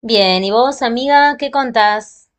Bien, ¿y vos, amiga, qué contás?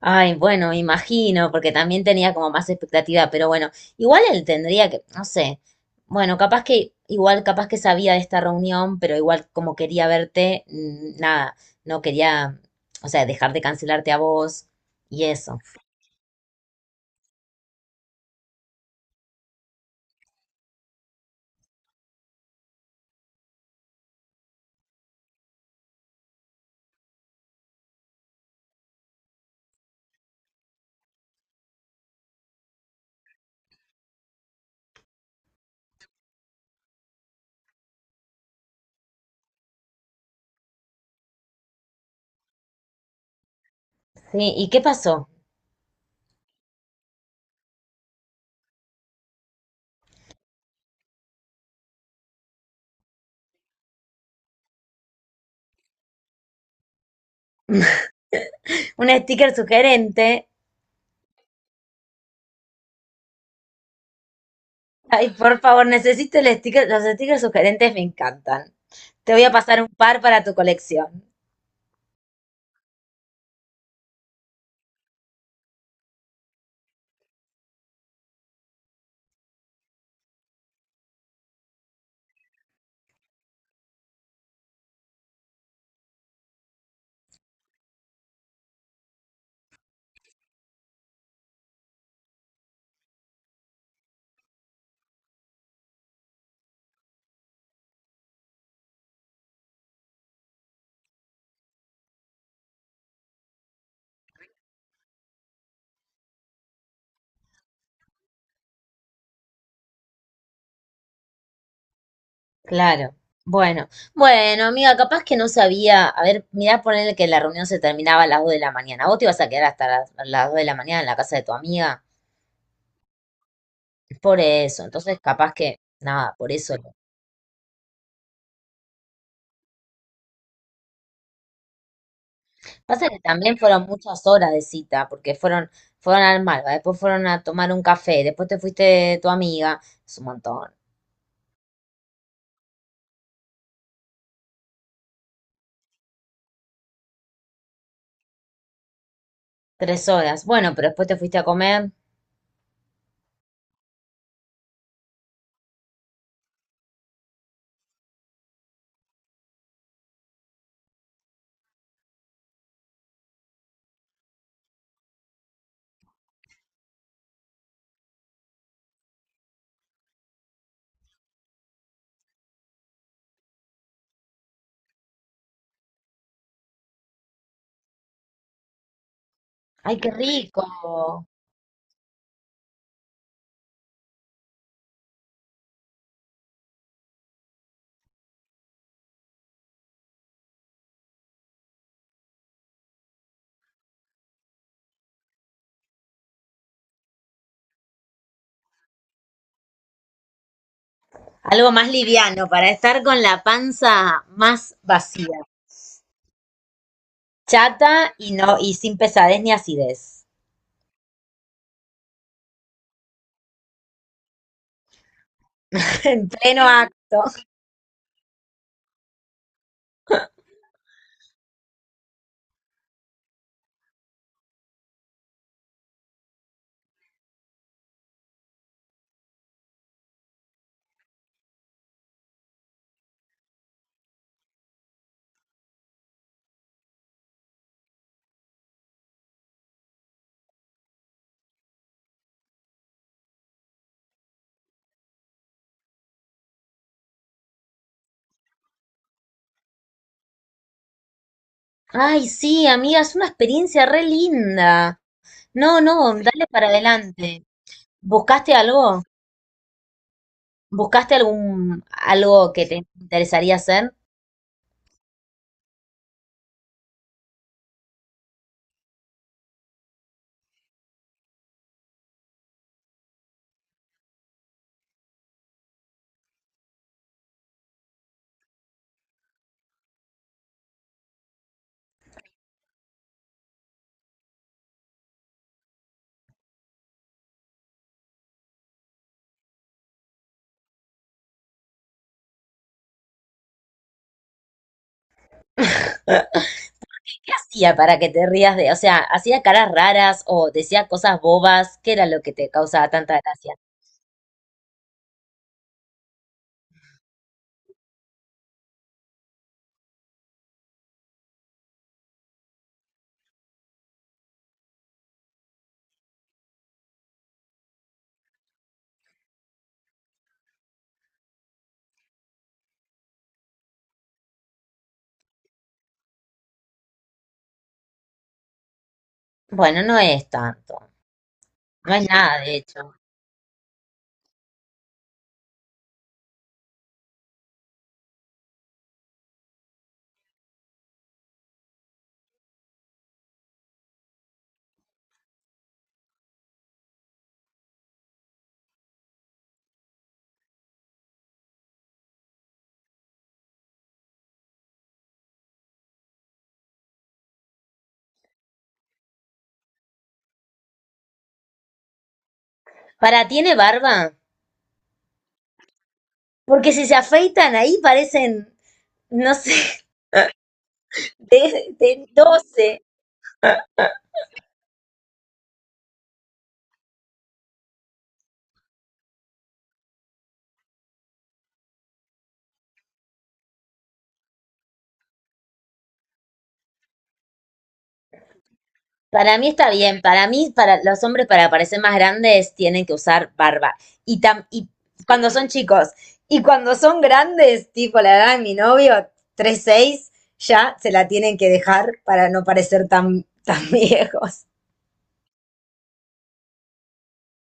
Ay, bueno, imagino, porque también tenía como más expectativa, pero bueno, igual él tendría que, no sé, bueno, capaz que, igual capaz que sabía de esta reunión, pero igual como quería verte, nada, no quería, o sea, dejar de cancelarte a vos y eso. Sí, ¿y qué pasó? Un sticker sugerente. Ay, por favor, necesito el sticker, los stickers sugerentes me encantan. Te voy a pasar un par para tu colección. Claro. Bueno, bueno, amiga, capaz que no sabía. A ver, mirá, ponerle que la reunión se terminaba a las 2 de la mañana. Vos te ibas a quedar hasta las 2 de la mañana en la casa de tu amiga. Por eso, entonces capaz que, nada, por eso. Pasa que también fueron muchas horas de cita, porque fueron al Malva, después fueron a tomar un café, después te fuiste de tu amiga. Es un montón. Tres horas. Bueno, pero después te fuiste a comer. ¡Ay, qué rico! Algo más liviano para estar con la panza más vacía. Chata y no, y sin pesadez ni acidez. En pleno acto. Ay, sí, amiga, es una experiencia re linda. No, no, dale para adelante. ¿Buscaste algo? ¿Buscaste algún algo que te interesaría hacer? ¿Qué hacía para que te rías de, o sea, hacía caras raras o decía cosas bobas? ¿Qué era lo que te causaba tanta gracia? Bueno, no es tanto. No es nada, de hecho. ¿Para tiene barba? Porque si se afeitan ahí parecen, no sé. De 12. Para mí está bien. Para mí, para los hombres, para parecer más grandes, tienen que usar barba. Y cuando son chicos. Y cuando son grandes, tipo la edad de mi novio, tres seis, ya se la tienen que dejar para no parecer tan, tan viejos.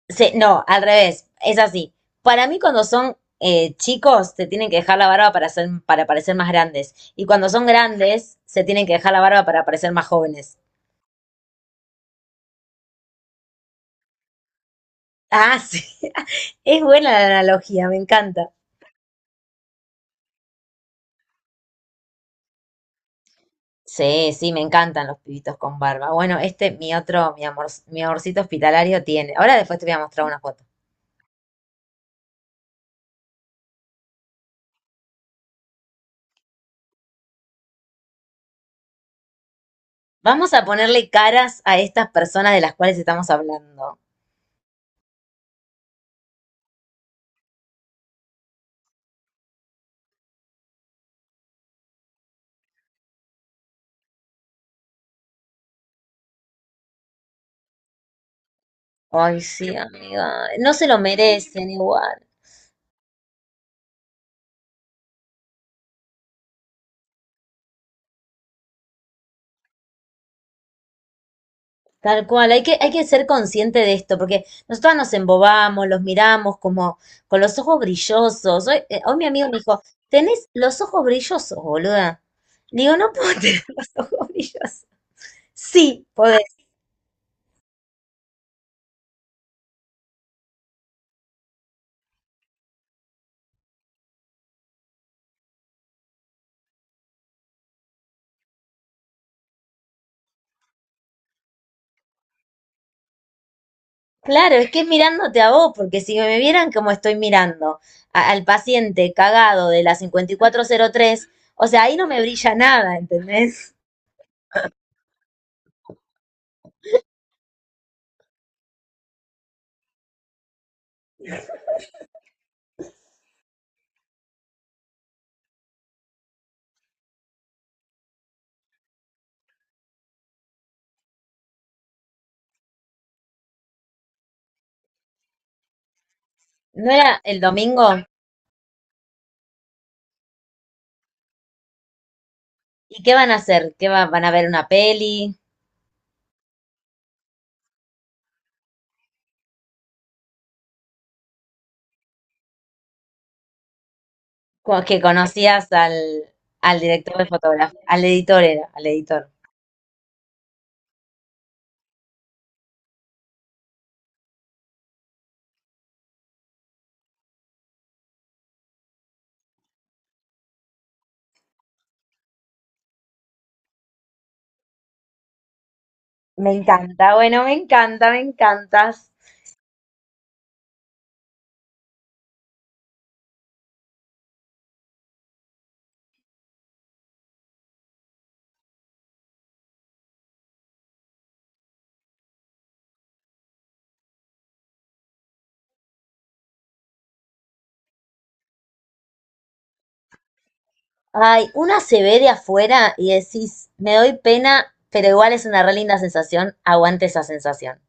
Se- no, al revés. Es así. Para mí, cuando son chicos, se tienen que dejar la barba para ser, para parecer más grandes. Y cuando son grandes, se tienen que dejar la barba para parecer más jóvenes. Ah, sí. Es buena la analogía, me encanta. Sí, sí, me encantan los pibitos con barba. Bueno, este, mi amorcito hospitalario tiene. Ahora después te voy a mostrar una foto. Vamos a ponerle caras a estas personas de las cuales estamos hablando. Ay, sí, amiga. No se lo merecen igual. Tal cual, hay que ser consciente de esto, porque nosotros nos embobamos, los miramos como con los ojos brillosos. Hoy, mi amigo me dijo, tenés los ojos brillosos, boluda. Digo, no puedo tener los ojos brillosos. Sí, podés. Claro, es que es mirándote a vos, porque si me vieran como estoy mirando al paciente cagado de la 5403, o sea, ahí no me brilla nada, ¿entendés? ¿No era el domingo? ¿Y qué van a hacer? ¿Qué van a ver una peli? Que conocías al, director de fotografía, al editor era, al editor. Me encanta, bueno, me encanta, me encantas. Ay, una se ve de afuera y decís, me doy pena, pero igual es una re linda sensación, aguante esa sensación.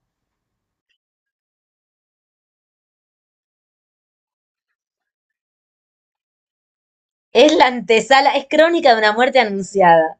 Es la antesala, es crónica de una muerte anunciada.